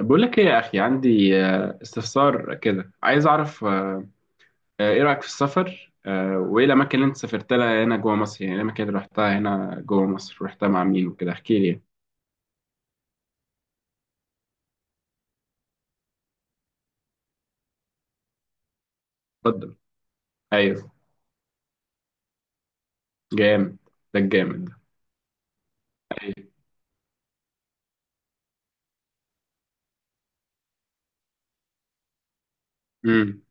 بقول لك ايه يا اخي عندي استفسار كده عايز اعرف ايه رايك في السفر وايه الاماكن اللي انت سافرت لها هنا جوه مصر يعني إيه الاماكن اللي رحتها هنا جوه مصر رحتها مع مين وكده احكي لي يعني. اتفضل. ايوه. جامد. ده الجامد ده. ايوه. امم.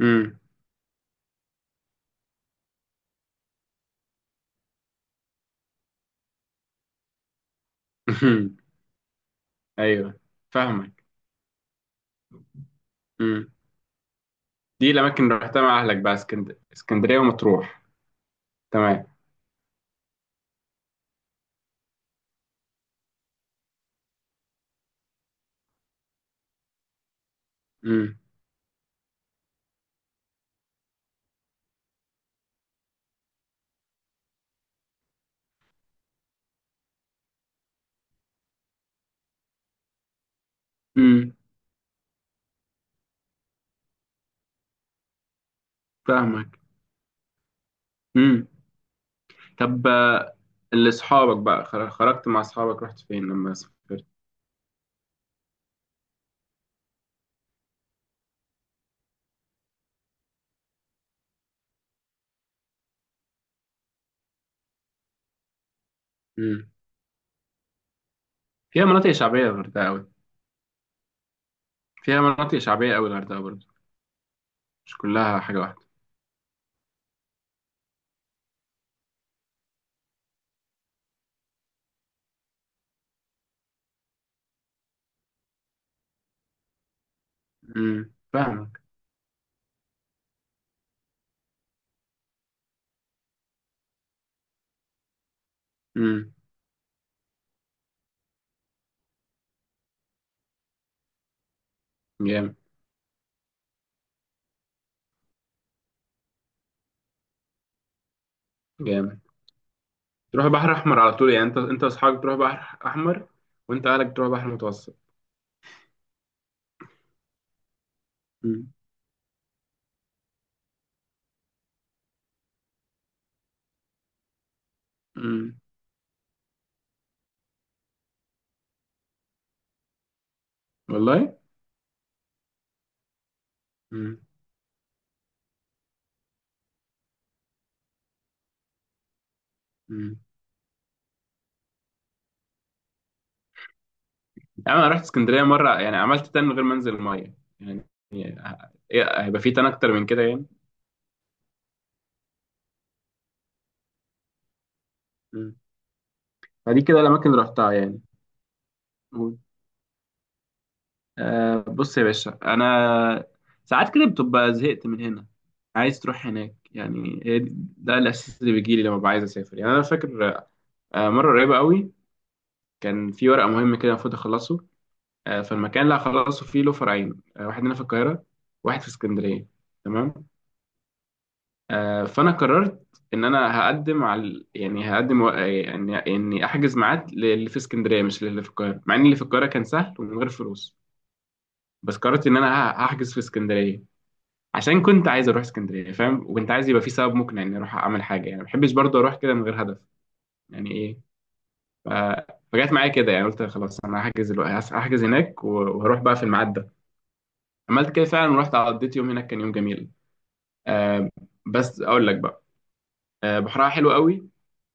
امم. ايوه. فاهمك. امم. دي الاماكن اللي رحتها مع اهلك بقى اسكندريه ومطروح. تمام. امم. امم. فاهمك. امم. طب اللي اصحابك بقى خرجت مع اصحابك رحت فين لما سافرت؟ مم. فيها مناطق شعبية الغردقة أوي. فيها مناطق شعبية أوي الغردقة برضه، مش كلها حاجة واحدة. مم. فاهمك. مم. جامد. جامد. تروح بحر أحمر على طول، يعني أنت وأصحابك تروح بحر أحمر، وأنت أهلك تروح بحر متوسط. مم. مم. والله. مم. مم. يعني أنا رحت اسكندرية مرة، يعني عملت تان من غير ما أنزل المية. يعني هيبقى في تان أكتر من كده يعني؟ مم. فدي كده الأماكن اللي رحتها يعني. بص يا باشا، انا ساعات كده بتبقى زهقت من هنا، عايز تروح هناك. يعني هي ده الاساس اللي بيجي لي لما ببقى عايز اسافر يعني. انا فاكر مره قريبه قوي كان في ورقه مهمه كده المفروض اخلصه. فالمكان اللي هخلصه فيه له فرعين، واحد هنا في القاهره، واحد في اسكندريه. تمام. فانا قررت ان انا هقدم على، يعني هقدم يعني اني احجز ميعاد للي في اسكندريه مش للي في القاهره، مع ان اللي في القاهره كان سهل ومن غير فلوس. بس قررت ان انا هحجز في اسكندريه عشان كنت عايز اروح اسكندريه فاهم، وكنت عايز يبقى في سبب مقنع اني اروح اعمل حاجه يعني، ما بحبش برضه اروح كده من غير هدف. يعني ايه ف... فجت معايا كده، يعني قلت خلاص انا هحجز هناك وهروح بقى في الميعاد ده. عملت كده فعلا ورحت قضيت يوم هناك، كان يوم جميل. آه بس اقول لك بقى، بحرها حلو قوي.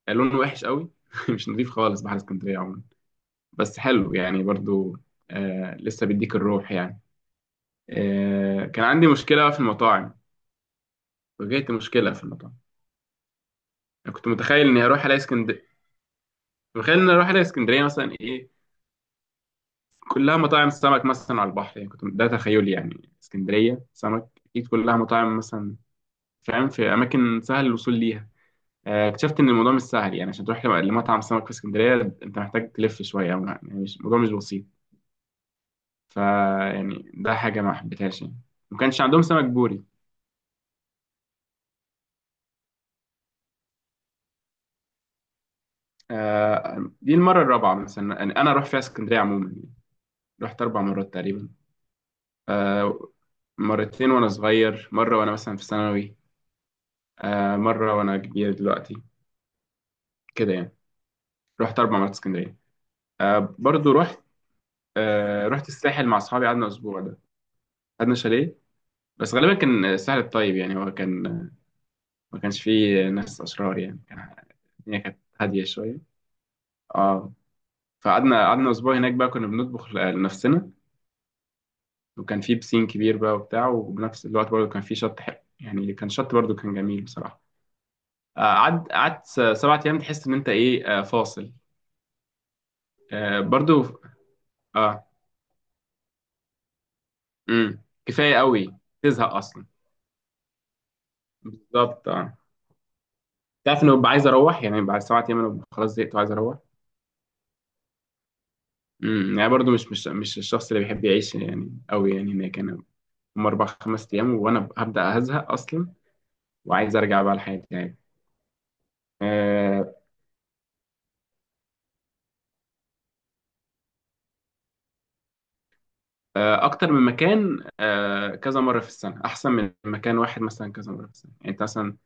لونه وحش قوي مش نظيف خالص بحر اسكندريه عموما. بس حلو يعني برضه، لسه بيديك الروح يعني. كان عندي مشكله في المطاعم. واجهت مشكله في المطاعم. أنا كنت متخيل اني هروح الاقي اسكندريه، تخيلنا نروح لاسكندريه مثلا ايه، كلها مطاعم سمك مثلا على البحر يعني. كنت ده تخيلي، يعني اسكندريه سمك اكيد كلها مطاعم مثلا. فاهم؟ في اماكن سهل الوصول ليها. اكتشفت ان الموضوع مش سهل يعني. عشان تروح لمطعم سمك في اسكندريه انت محتاج تلف شويه، أو يعني مش الموضوع مش بسيط. فا يعني ده حاجه ما حبيتهاش يعني. ما كانش عندهم سمك بوري. دي المره الرابعه مثلا يعني انا اروح فيها اسكندريه عموما يعني. رحت اربع مرات تقريبا. آه، مرتين وانا صغير، مره وانا مثلا في ثانوي، مرة وأنا كبير دلوقتي. كده يعني. رحت أربع مرات اسكندرية. برضو رحت، رحت الساحل مع أصحابي، قعدنا أسبوع ده، قعدنا شاليه. بس غالبا كان الساحل الطيب يعني، هو كان ما كانش فيه ناس أشرار يعني، كان الدنيا كانت هادية شوية. اه. فقعدنا أسبوع هناك بقى، كنا بنطبخ لنفسنا، وكان فيه بسين كبير بقى وبتاع، وبنفس الوقت برضو كان فيه شط حلو يعني، كان شط برضو كان جميل بصراحة. قعدت سبعة أيام تحس إن أنت إيه فاصل. آه، برضو. اه. امم. كفايه قوي. تزهق اصلا. بالظبط. اه. تعرف انه ببقى عايز اروح يعني، بعد سبعة ايام انا ببقى خلاص زهقت وعايز اروح. امم. يعني برضو مش الشخص اللي بيحب يعيش يعني قوي يعني هناك انا. هم اربع خمس ايام وانا هبدا هزهق اصلا وعايز ارجع بقى لحياتي يعني. آه، اكتر من مكان، كذا مره في السنه احسن من مكان واحد مثلا كذا مره في السنه. يعني انت مثلا،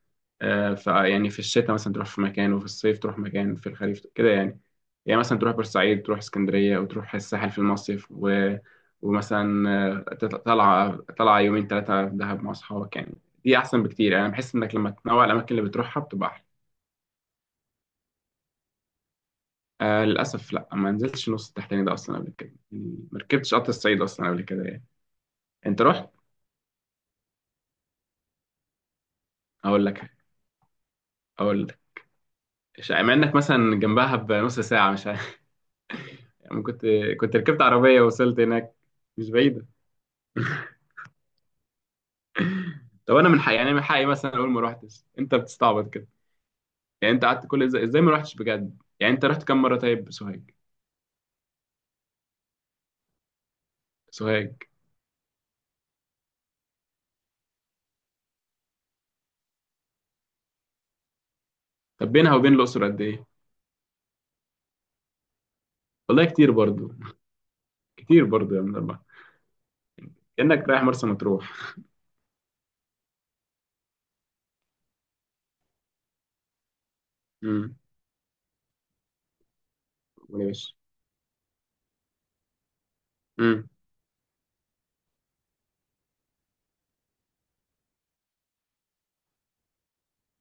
فيعني في الشتاء مثلا تروح في مكان، وفي الصيف تروح مكان، في الخريف كده يعني. يعني مثلا تروح بورسعيد، تروح اسكندرية، وتروح الساحل في المصيف ومثلا طلعة يومين ثلاثة في دهب مع أصحابك يعني. دي أحسن بكتير يعني. أنا بحس إنك لما تنوع الأماكن اللي بتروحها بتبقى أحلى. آه للأسف لأ، ما نزلتش نص التحتاني ده أصلا قبل كده يعني، ما ركبتش قطر الصعيد أصلا قبل كده يعني. أنت رحت؟ أقول لك أقول لك مع إنك مثلا جنبها بنص ساعة مش عارف. يعني كنت ركبت عربية ووصلت هناك، مش بعيدة. طب انا من حقي يعني، من حقي مثلا اقول ما روحتش، انت بتستعبط كده. يعني انت قعدت، كل ازاي ما روحتش بجد. يعني انت رحت كام مره طيب سوهاج؟ سوهاج. طب بينها وبين الاقصر قد ايه؟ والله كتير برضو، كتير برضو يا من الله. كانك رايح مرسى مطروح. امم. ماشي. امم.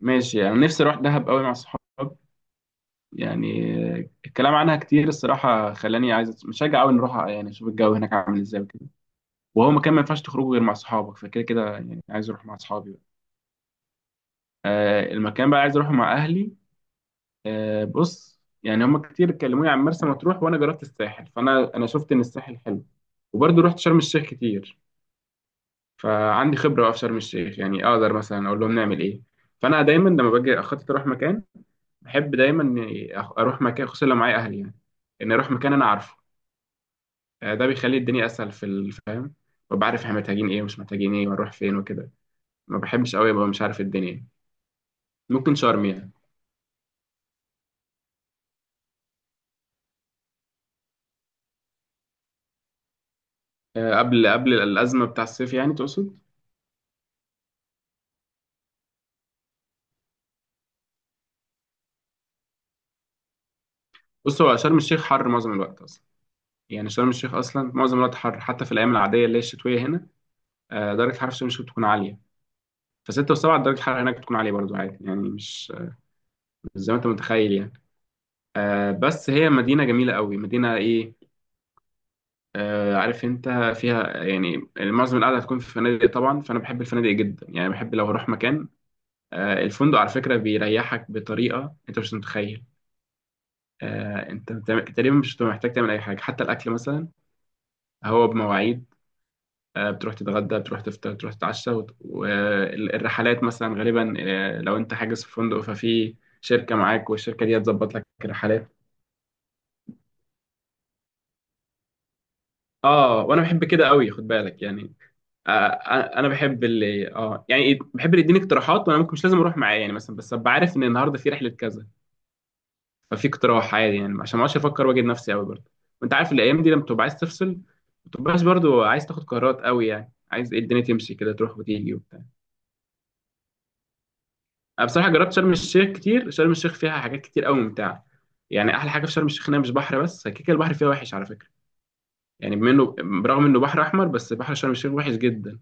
ماشي. يعني نفسي اروح دهب قوي مع صحاب يعني. الكلام عنها كتير الصراحه خلاني عايز مشجع قوي نروح يعني، اشوف الجو هناك عامل ازاي وكده. وهو مكان ما ينفعش تخرجه غير مع صحابك، فكده كده يعني عايز اروح مع صحابي بقى. المكان بقى عايز اروحه مع اهلي، بص يعني هما كتير كلموني عن مرسى مطروح، وانا جربت الساحل، فانا شفت ان الساحل حلو، وبرضه رحت شرم الشيخ كتير. فعندي خبره بقى في شرم الشيخ، يعني اقدر مثلا اقول لهم نعمل ايه. فانا دايما لما باجي اخطط اروح مكان، بحب دايما إني اروح مكان خصوصا لو معايا اهلي يعني، ان اروح مكان انا عارفه. ده بيخلي الدنيا اسهل في الفهم، ببقى عارف احنا محتاجين ايه ومش محتاجين ايه ونروح فين وكده. ما بحبش قوي ابقى مش عارف الدنيا. ممكن شرم يعني، قبل الازمه بتاع الصيف يعني تقصد. بص، هو شرم الشيخ حر معظم الوقت اصلا. يعني شرم الشيخ اصلا معظم الوقت حر، حتى في الايام العاديه اللي هي الشتويه هنا. درجه الحراره في شرم الشيخ بتكون عاليه، فستة وسبعة درجة الحرارة هناك بتكون عالية برضو عادي يعني، مش زي ما انت متخيل يعني. بس هي مدينة جميلة قوي، مدينة ايه، عارف انت. فيها يعني معظم القعدة هتكون في فنادق طبعا، فانا بحب الفنادق جدا يعني، بحب لو هروح مكان، الفندق على فكرة بيريحك بطريقة انت مش متخيل. انت تقريبا مش بتبقى محتاج تعمل اي حاجة، حتى الاكل مثلا هو بمواعيد. بتروح تتغدى، بتروح تفطر، بتروح تتعشى، والرحلات مثلا غالبا، لو انت حاجز في فندق ففي شركة معاك، والشركة دي هتظبط لك الرحلات. اه، وانا بحب كده قوي خد بالك يعني. انا بحب اللي يعني إيه، بحب اللي يديني اقتراحات، وانا ممكن مش لازم اروح معاه يعني مثلا، بس ابقى عارف ان النهارده في رحلة كذا، ففي اقتراح عادي يعني، عشان ما اقعدش افكر واجد نفسي قوي برضه. وانت عارف الايام دي لما تبقى عايز تفصل ما تبقاش برضه عايز تاخد قرارات قوي يعني، عايز إيه الدنيا تمشي كده تروح وتيجي وبتاع. أنا بصراحة جربت شرم الشيخ كتير. شرم الشيخ فيها حاجات كتير قوي ممتعة. يعني أحلى حاجة في شرم الشيخ إنها مش بحر بس، كده كده البحر فيها وحش على فكرة. يعني بما إنه برغم إنه بحر أحمر، بس بحر شرم الشيخ وحش جدا.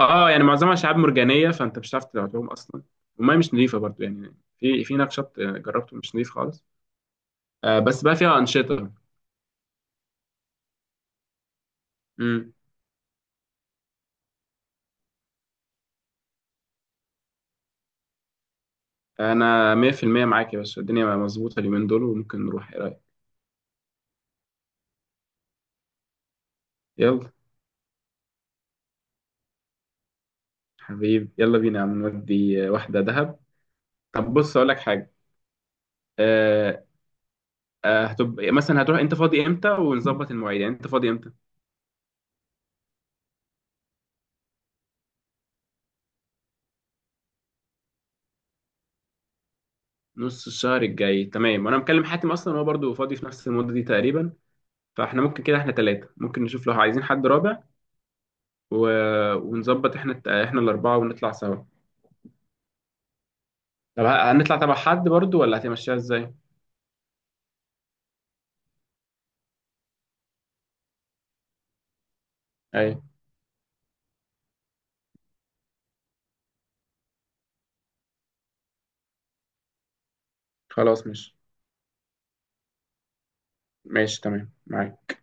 أه، يعني معظمها شعاب مرجانية فأنت مش هتعرف تلعبهم أصلا. والمية مش نظيفة برضو، يعني في هناك شط جربته مش نظيف خالص. بس بقى فيها أنشطة. امم أنا 100% معاك يا باشا، الدنيا مظبوطة اليومين دول، وممكن نروح، إيه رأيك؟ يلا. حبيبي يلا بينا يا عم، نودي واحدة دهب. طب بص أقول لك حاجة، آه، هتبقى مثلا هتروح، انت فاضي امتى ونظبط المواعيد، يعني انت فاضي امتى؟ نص الشهر الجاي تمام. وانا مكلم حاتم اصلا هو برضو فاضي في نفس المده دي تقريبا، فاحنا ممكن كده احنا ثلاثه، ممكن نشوف لو عايزين حد رابع، و... ونظبط احنا الاربعه ونطلع سوا. طب هنطلع تبع حد برضو ولا هتمشيها ازاي؟ اي. خلاص ماشي. ماشي تمام معاك.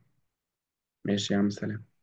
ماشي يا عم سلام.